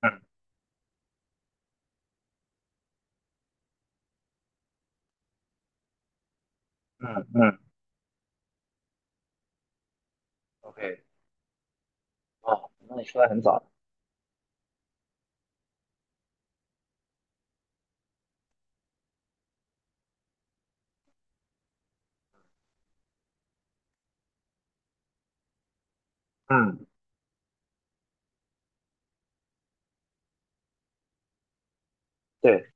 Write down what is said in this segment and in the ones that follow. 嗯嗯嗯 OK，哦，那你出来很早，嗯，对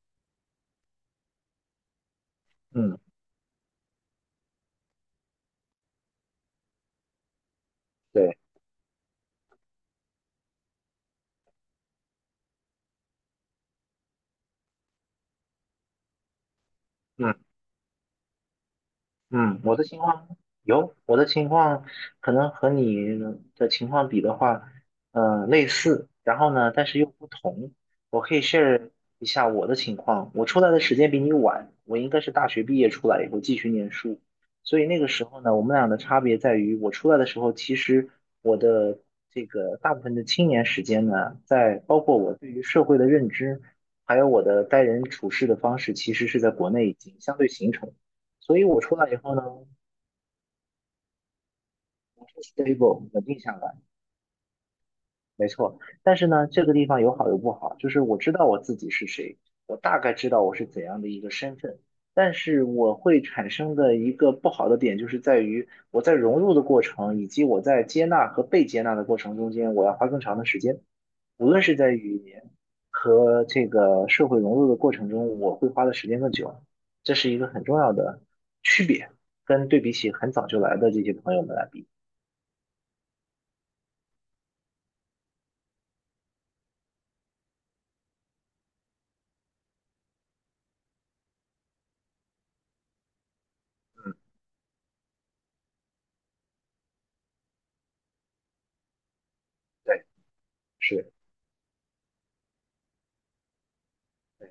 嗯对，嗯嗯，我的情况可能和你的情况比的话，类似，然后呢，但是又不同。我可以 share 一下我的情况。我出来的时间比你晚，我应该是大学毕业出来以后继续念书，所以那个时候呢，我们俩的差别在于，我出来的时候，其实我的这个大部分的青年时间呢，在包括我对于社会的认知，还有我的待人处事的方式，其实是在国内已经相对形成。所以我出来以后呢，我是 stable 稳定下来，没错。但是呢，这个地方有好有不好，就是我知道我自己是谁，我大概知道我是怎样的一个身份，但是我会产生的一个不好的点，就是在于我在融入的过程，以及我在接纳和被接纳的过程中间，我要花更长的时间。无论是在语言和这个社会融入的过程中，我会花的时间更久，这是一个很重要的区别，跟对比起很早就来的这些朋友们来比。嗯，对，是，对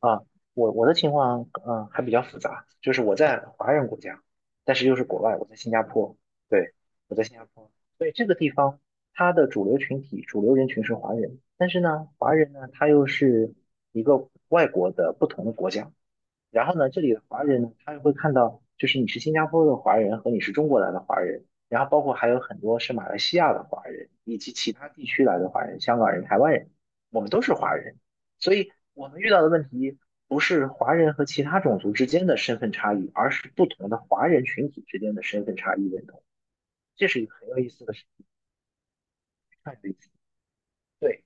啊，我的情况还比较复杂，就是我在华人国家，但是又是国外，我在新加坡，对，我在新加坡，所以这个地方它的主流群体、主流人群是华人，但是呢，华人呢他又是一个外国的不同的国家，然后呢，这里的华人呢，他会看到，就是你是新加坡的华人和你是中国来的华人，然后包括还有很多是马来西亚的华人，以及其他地区来的华人，香港人、台湾人，我们都是华人，所以我们遇到的问题不是华人和其他种族之间的身份差异，而是不同的华人群体之间的身份差异认同，这是一个很有意思的事情，看着意思。对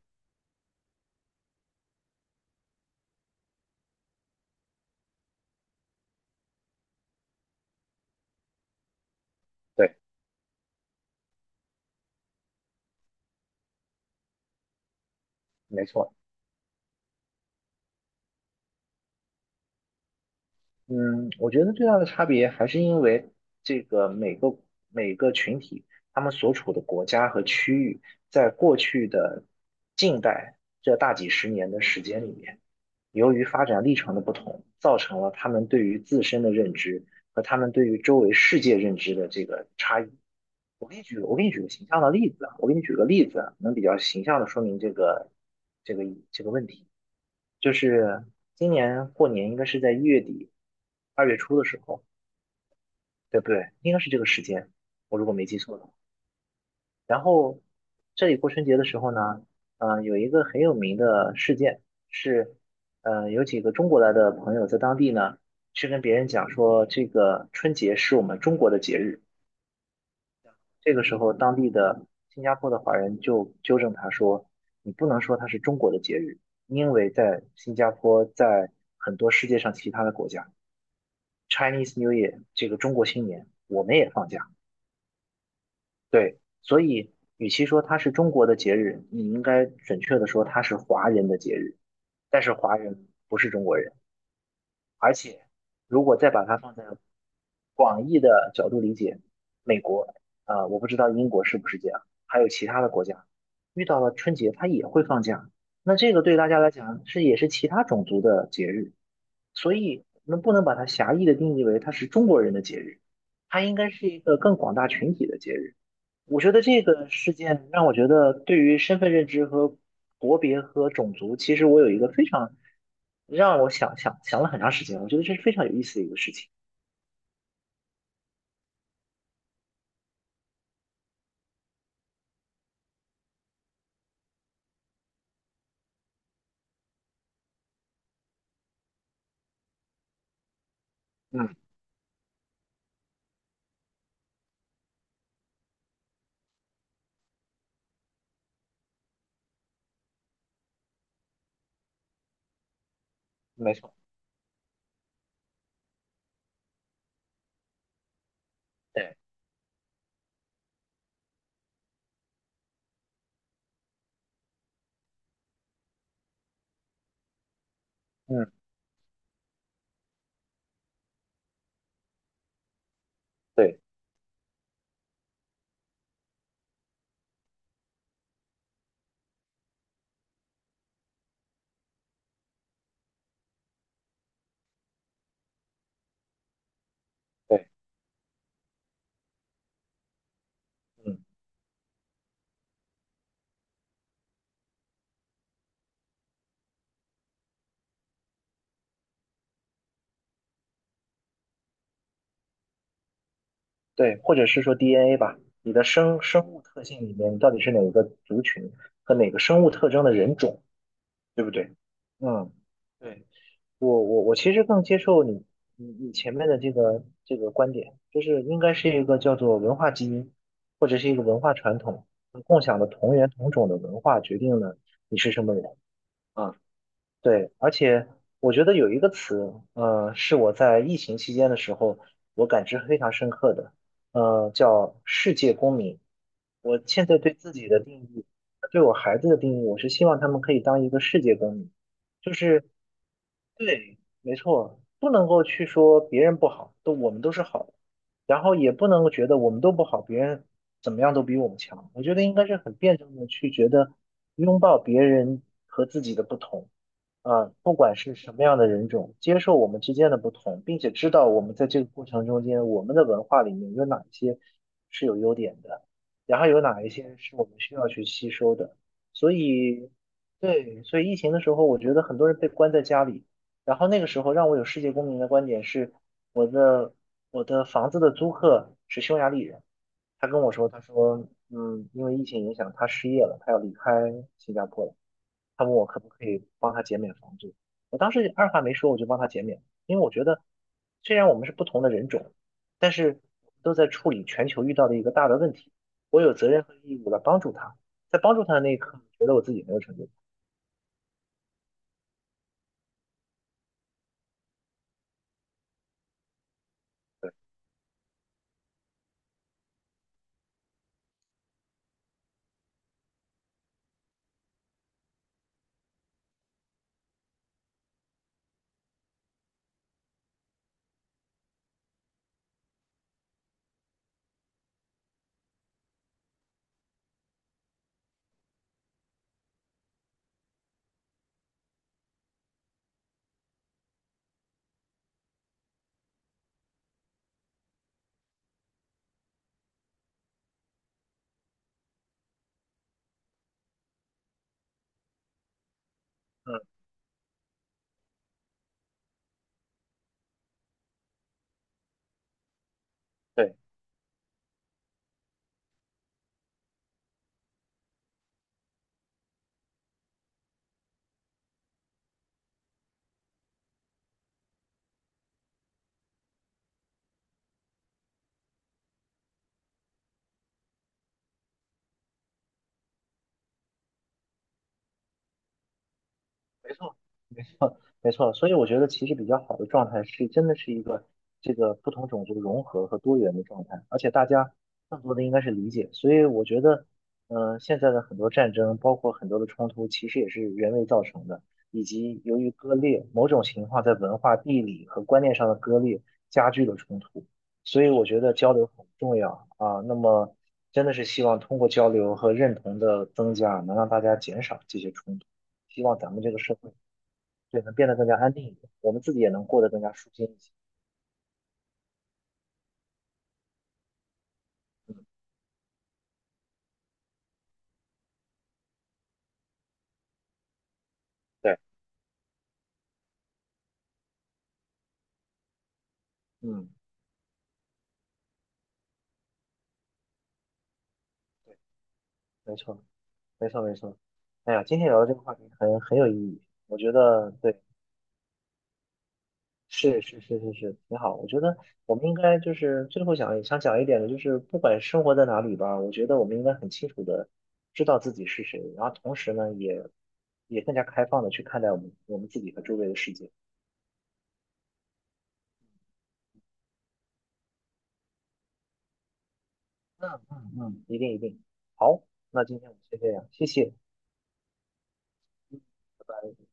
对，没错。嗯，我觉得最大的差别还是因为这个每个每个群体，他们所处的国家和区域，在过去的近代这大几十年的时间里面，由于发展历程的不同，造成了他们对于自身的认知和他们对于周围世界认知的这个差异。我给你举个形象的例子啊，我给你举个例子啊能比较形象的说明这个这个问题。就是今年过年应该是在一月底、二月初的时候，对不对？应该是这个时间，我如果没记错的话。然后这里过春节的时候呢，有一个很有名的事件是，有几个中国来的朋友在当地呢，去跟别人讲说，这个春节是我们中国的节日。这个时候，当地的新加坡的华人就纠正他说，你不能说它是中国的节日，因为在新加坡，在很多世界上其他的国家。Chinese New Year 这个中国新年，我们也放假。对，所以与其说它是中国的节日，你应该准确的说它是华人的节日。但是华人不是中国人，而且如果再把它放在广义的角度理解，美国，我不知道英国是不是这样，还有其他的国家，遇到了春节它也会放假。那这个对大家来讲是也是其他种族的节日，所以我们不能把它狭义的定义为它是中国人的节日，它应该是一个更广大群体的节日。我觉得这个事件让我觉得，对于身份认知和国别和种族，其实我有一个非常让我想了很长时间，我觉得这是非常有意思的一个事情。嗯，没错，对，嗯，对，对，嗯，对，或者是说 DNA 吧，你的生生物特性里面，你到底是哪个族群和哪个生物特征的人种，对不对？嗯。对。我其实更接受你前面的这个观点，就是应该是一个叫做文化基因，或者是一个文化传统，共享的同源同种的文化决定了你是什么人啊。对，而且我觉得有一个词，是我在疫情期间的时候我感知非常深刻的，叫世界公民。我现在对自己的定义，对我孩子的定义，我是希望他们可以当一个世界公民。就是对，没错，不能够去说别人不好，都我们都是好的，然后也不能够觉得我们都不好，别人怎么样都比我们强。我觉得应该是很辩证的去觉得拥抱别人和自己的不同啊，不管是什么样的人种，接受我们之间的不同，并且知道我们在这个过程中间，我们的文化里面有哪一些是有优点的，然后有哪一些是我们需要去吸收的，所以。对，所以疫情的时候，我觉得很多人被关在家里，然后那个时候让我有世界公民的观点是，我的我的房子的租客是匈牙利人，他跟我说，他说，嗯，因为疫情影响，他失业了，他要离开新加坡了，他问我可不可以帮他减免房租，我当时二话没说，我就帮他减免，因为我觉得虽然我们是不同的人种，但是都在处理全球遇到的一个大的问题，我有责任和义务来帮助他，在帮助他的那一刻，我觉得我自己很有成就感嗯，对。没错。没错，所以我觉得其实比较好的状态是，真的是一个这个不同种族融合和多元的状态，而且大家更多的应该是理解。所以我觉得，现在的很多战争，包括很多的冲突，其实也是人为造成的，以及由于割裂，某种情况在文化、地理和观念上的割裂加剧了冲突。所以我觉得交流很重要啊。那么真的是希望通过交流和认同的增加，能让大家减少这些冲突。希望咱们这个社会。对，能变得更加安定一点，我们自己也能过得更加舒心一些。嗯，对，嗯，对，没错，没错，没错。哎呀，今天聊的这个话题很有意义，我觉得对，是是是是是，挺好。我觉得我们应该就是最后想想讲一点的，就是不管生活在哪里吧，我觉得我们应该很清楚的知道自己是谁，然后同时呢，也更加开放的去看待我们自己和周围的世界。嗯嗯嗯，一定一定。好，那今天我们先这样，谢谢，嗯，拜拜。